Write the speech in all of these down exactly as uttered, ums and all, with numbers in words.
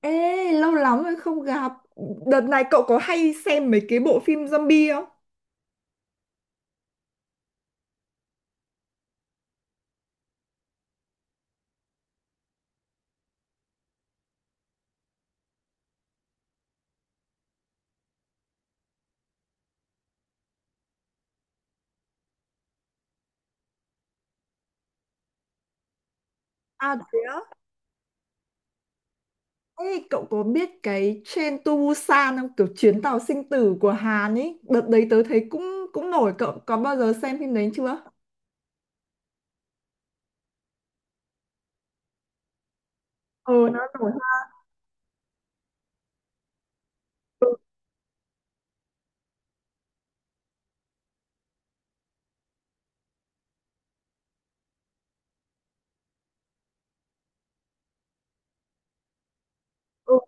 Ê, lâu lắm rồi không gặp. Đợt này cậu có hay xem mấy cái bộ phim zombie không? À thế á? Ê, cậu có biết cái Train to Busan không? Kiểu chuyến tàu sinh tử của Hàn ấy. Đợt đấy tớ thấy cũng cũng nổi. Cậu có bao giờ xem phim đấy chưa? Ờ nó nổi ha. Ừ,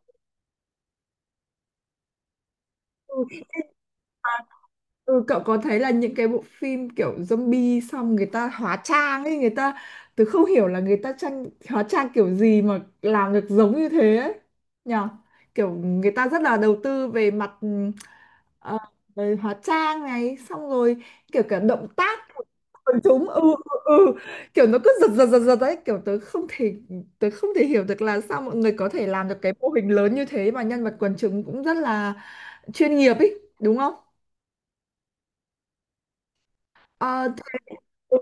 ừ. Ừ, cậu có thấy là những cái bộ phim kiểu zombie xong người ta hóa trang ấy, người ta tớ không hiểu là người ta trang hóa trang kiểu gì mà làm được giống như thế ấy nhở, kiểu người ta rất là đầu tư về mặt ừm, ờ, về hóa trang này xong rồi kiểu cả động tác của quần chúng, ừ, ừ, ừ, kiểu nó cứ giật giật giật giật đấy, kiểu tớ không thể tớ không thể hiểu được là sao mọi người có thể làm được cái mô hình lớn như thế mà nhân vật quần chúng cũng rất là chuyên nghiệp ấy, đúng không? Ờ, ừ,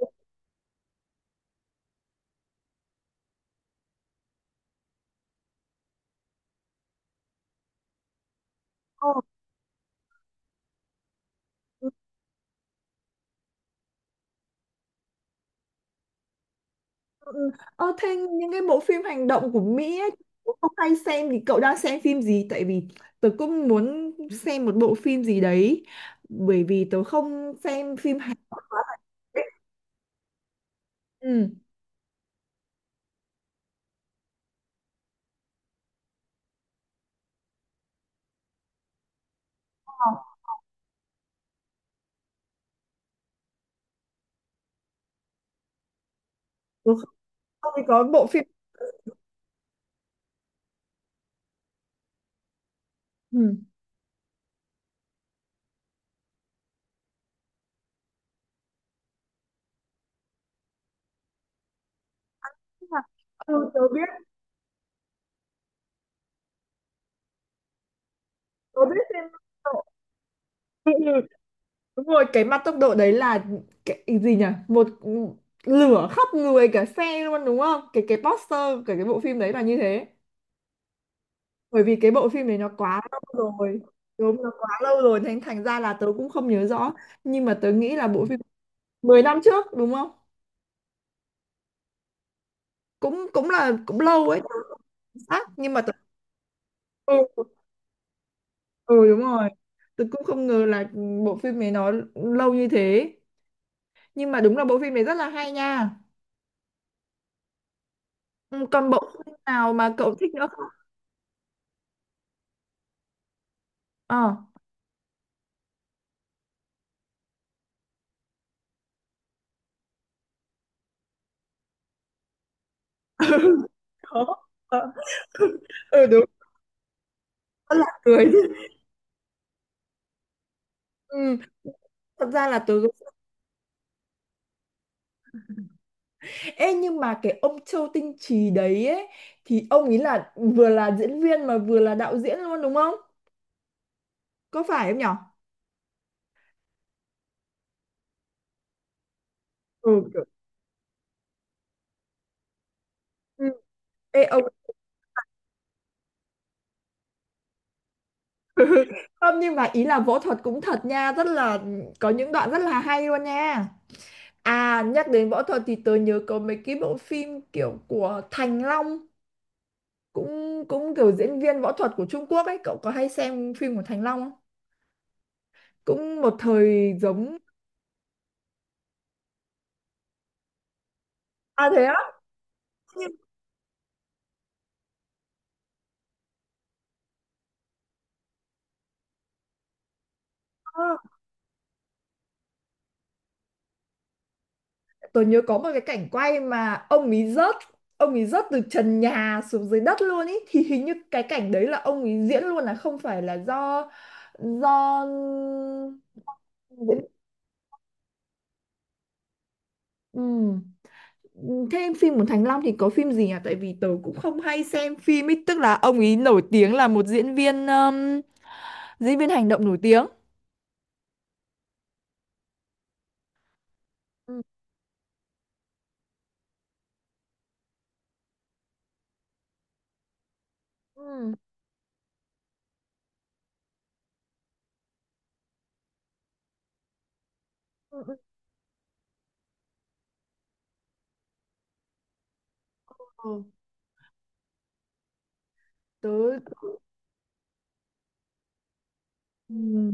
ờ, ừ, ừ, ừ. Ờ, thế những cái bộ phim hành động của Mỹ ấy, cũng không hay xem thì cậu đang xem phim gì? Tại vì tớ cũng muốn xem một bộ phim gì đấy bởi vì tớ không xem phim Hàn. Ừ. Ờ, tớ không, không thì có bộ phim. Ừ. Ừ, tớ biết, tớ biết phim Mặt Tốc Độ. Ừ, ừ. Đúng rồi, cái mặt tốc độ đấy là cái gì nhỉ, một lửa khắp người cả xe luôn đúng không, cái cái poster cái cái bộ phim đấy là như thế. Bởi vì cái bộ phim này nó quá lâu rồi, đúng nó quá lâu rồi thành thành ra là tớ cũng không nhớ rõ, nhưng mà tớ nghĩ là bộ phim mười năm trước đúng không, cũng cũng là cũng lâu ấy, tớ không chính xác nhưng mà tớ ừ, ừ đúng rồi, tớ cũng không ngờ là bộ phim này nó lâu như thế, nhưng mà đúng là bộ phim này rất là hay nha. Ừ, còn bộ phim nào mà cậu thích nữa không? Ờ. Có. Ờ. Ừ đúng, rất là cười. Ừ, thật ra là tớ ê, nhưng mà cái ông Châu Tinh Trì đấy ấy, thì ông ấy là vừa là diễn viên mà vừa là đạo diễn luôn đúng không? Có phải không nhở? Ừ kiểu. Ừ. Ê ông. Không, nhưng mà ý là võ thuật cũng thật nha, rất là có những đoạn rất là hay luôn nha. À nhắc đến võ thuật thì tớ nhớ có mấy cái bộ phim kiểu của Thành Long, cũng cũng kiểu diễn viên võ thuật của Trung Quốc ấy, cậu có hay xem phim của Thành Long không? Cũng một thời giống. À thế á? Tôi nhớ có một cái cảnh quay mà ông ấy rớt, ông ấy rớt từ trần nhà xuống dưới đất luôn ý, thì hình như cái cảnh đấy là ông ấy diễn luôn là không phải là do do diễn. Thế phim của Thành Long thì có phim gì nhỉ? Tại vì tớ cũng không hay xem phim ấy, tức là ông ấy nổi tiếng là một diễn viên um, diễn viên hành động nổi tiếng. Ừ. Ừ. Ừ. Ừ, ừ. Tớ ừ.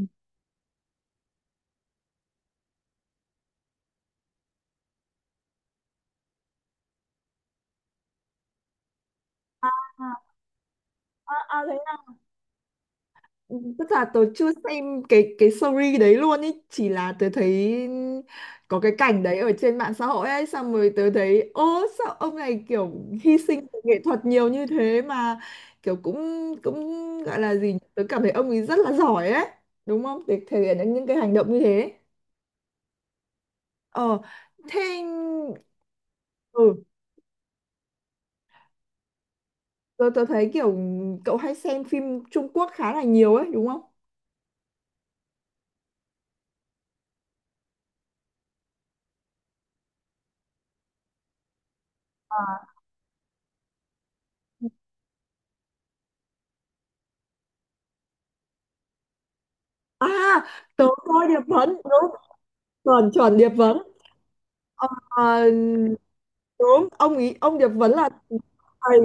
À, à, à, thế ừ, tức là tớ chưa xem cái cái story đấy luôn ý, chỉ là tớ thấy có cái cảnh đấy ở trên mạng xã hội ấy, xong rồi tớ thấy ô sao ông này kiểu hy sinh về nghệ thuật nhiều như thế, mà kiểu cũng cũng gọi là gì nhỉ? Tớ cảm thấy ông ấy rất là giỏi ấy, đúng không? Để thể hiện được những cái hành động như thế. Ờ thế ừ, tớ, tớ thấy kiểu cậu hay xem phim Trung Quốc khá là nhiều ấy đúng không? À tớ coi Điệp Vấn, đúng, chuẩn chuẩn Điệp Vấn. Ờ, đúng ông ý ông Điệp Vấn là thầy.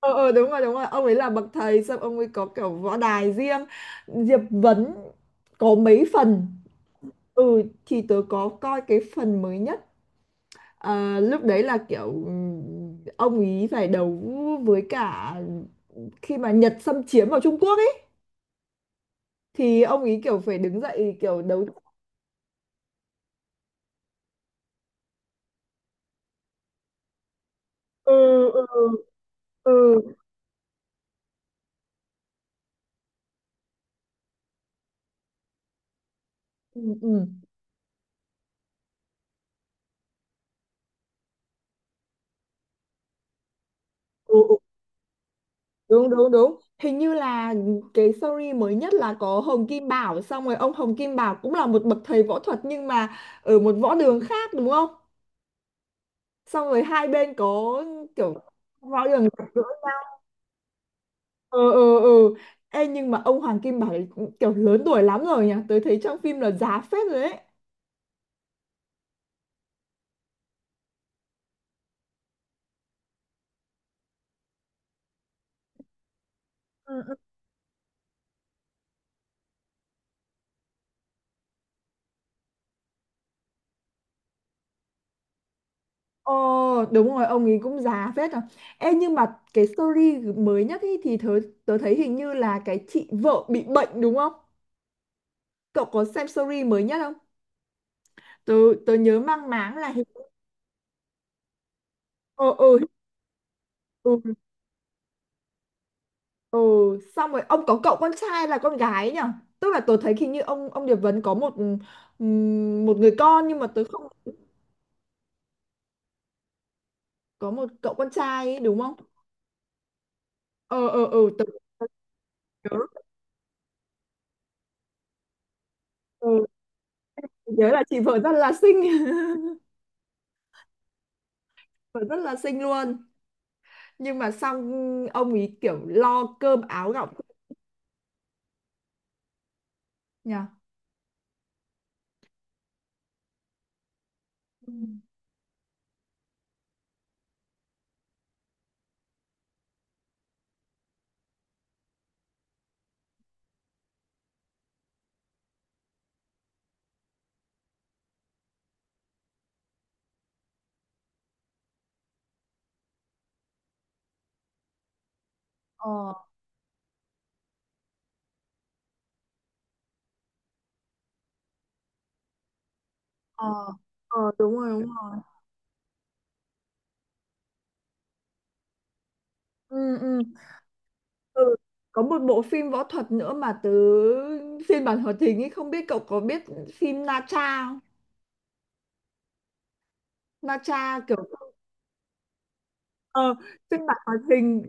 Ờ ờ đúng rồi đúng rồi ông ấy là bậc thầy, xong ông ấy có kiểu võ đài riêng, Diệp Vấn có mấy phần. Ừ thì tớ có coi cái phần mới nhất. Ờ, lúc đấy là kiểu ừm, ông ý phải đấu với cả khi mà Nhật xâm chiếm vào Trung Quốc ấy, thì ông ý kiểu phải đứng dậy kiểu đấu. Ừ, ừ, ừ, ừ, ừ, ừ. Đúng đúng đúng, hình như là cái story mới nhất là có Hồng Kim Bảo, xong rồi ông Hồng Kim Bảo cũng là một bậc thầy võ thuật nhưng mà ở một võ đường khác đúng không, xong rồi hai bên có kiểu võ đường gặp gỡ. Ừ, ừ, ừ. Ê, nhưng mà ông Hoàng Kim Bảo ấy kiểu lớn tuổi lắm rồi nhỉ, tôi thấy trong phim là già phết rồi đấy. Ừ, ừ. Ồ đúng rồi, ông ấy cũng già phết rồi. Ê nhưng mà cái story mới nhất ý thì tớ, tớ thấy hình như là cái chị vợ bị bệnh đúng không, cậu có xem story mới nhất không, tớ tớ nhớ mang máng là hình. Ừ, ừ, ừ, ừ. Xong rồi ông có cậu con trai là con gái ấy nhở, tức là tớ thấy hình như ông ông Điệp Vấn có một ừm, một người con nhưng mà tớ không có một cậu con trai ấy, đúng không? Ờ ờ ờ tớ, tớ nhớ ừ, tớ nhớ là chị vợ rất là xinh. Vợ rất là xinh luôn, nhưng mà xong ông ấy kiểu lo cơm áo gạo nhỉ. Ừ. Ờ ờ ờ đúng rồi đúng rồi. Ừ, ừ. Ừ. Có một bộ phim võ thuật nữa mà tớ phiên bản hoạt hình ấy không biết cậu có biết phim Na Tra không? Na Tra kiểu ờ, phiên bản hoạt hình.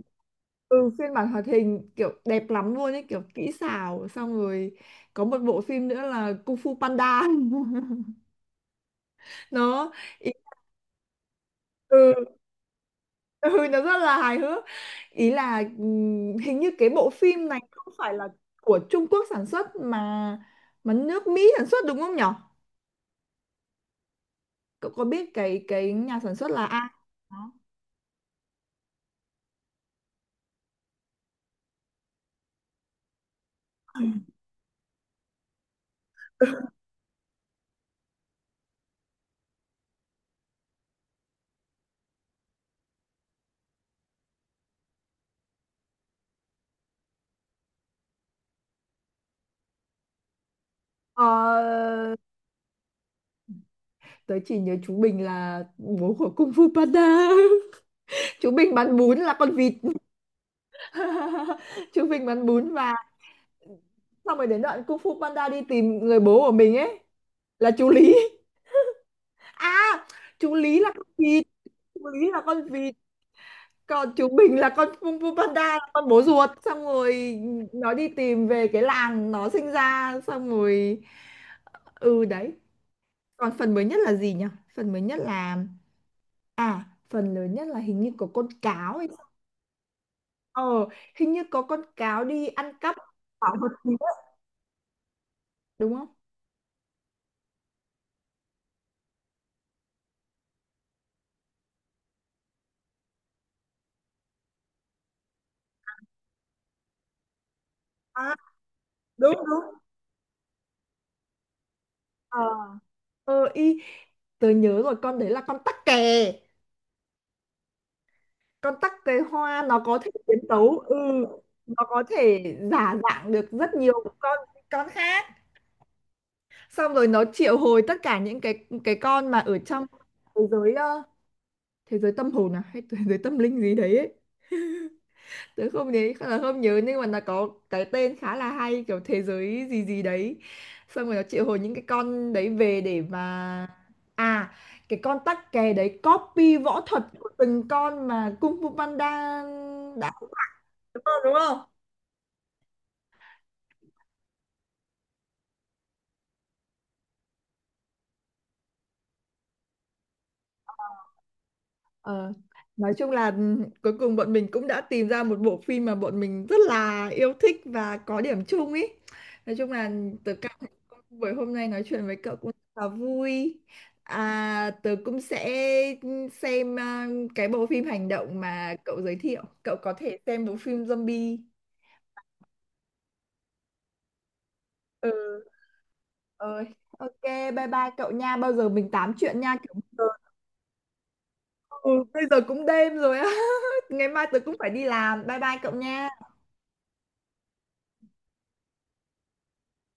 Ừ phiên bản hoạt hình kiểu đẹp lắm luôn ấy, kiểu kỹ xảo, xong rồi có một bộ phim nữa là Kung Fu Panda. Nó ý, ừ, ừ nó rất là hài hước, ý là ừm, hình như cái bộ phim này không phải là của Trung Quốc sản xuất mà mà nước Mỹ sản xuất đúng không nhỉ? Cậu có biết cái cái nhà sản xuất là ai không? Ờ, tớ chỉ nhớ chú Bình là bố của Kung Fu Panda. Chú Bình bán bún là con vịt. Chú Bình bán bún và xong rồi đến đoạn Kung Fu Panda đi tìm người bố của mình ấy là chú Lý. À, chú Lý là con vịt. Chú Lý là con vịt. Còn chú Bình là con Kung Fu Panda là con bố ruột. Xong rồi nó đi tìm về cái làng nó sinh ra. Xong rồi... Ừ đấy. Còn phần mới nhất là gì nhỉ? Phần mới nhất là à, phần lớn nhất là hình như có con cáo hay sao? Ờ, hình như có con cáo đi ăn cắp bảo vật gì đấy, đúng không? À, đúng đúng. Ờ, ờ y tớ nhớ rồi, con đấy là con tắc kè. Con tắc kè hoa nó có thể biến tấu ừ, nó có thể giả dạng được rất nhiều con con khác. Xong rồi nó triệu hồi tất cả những cái cái con mà ở trong thế giới ờ, thế giới tâm hồn à hay thế giới tâm linh gì đấy ấy. Tớ không nhớ là không nhớ nhưng mà nó có cái tên khá là hay kiểu thế giới gì gì đấy, xong rồi nó triệu hồi những cái con đấy về để mà à cái con tắc kè đấy copy võ thuật của từng con mà Kung Fu Panda đã đúng không đúng không? Ờ, nói chung là ừm, cuối cùng bọn mình cũng đã tìm ra một bộ phim mà bọn mình rất là yêu thích và có điểm chung ý. Nói chung là tớ cảm thấy buổi hôm nay nói chuyện với cậu cũng rất là vui. À, tớ cũng sẽ xem à, cái bộ phim hành động mà cậu giới thiệu. Cậu có thể xem bộ phim zombie. Ừ, ơi. Ok, bye bye cậu nha. Bao giờ mình tám chuyện nha. Kiểu, ừ, bây giờ cũng đêm rồi á. Ngày mai tớ cũng phải đi làm. Bye bye cậu nha.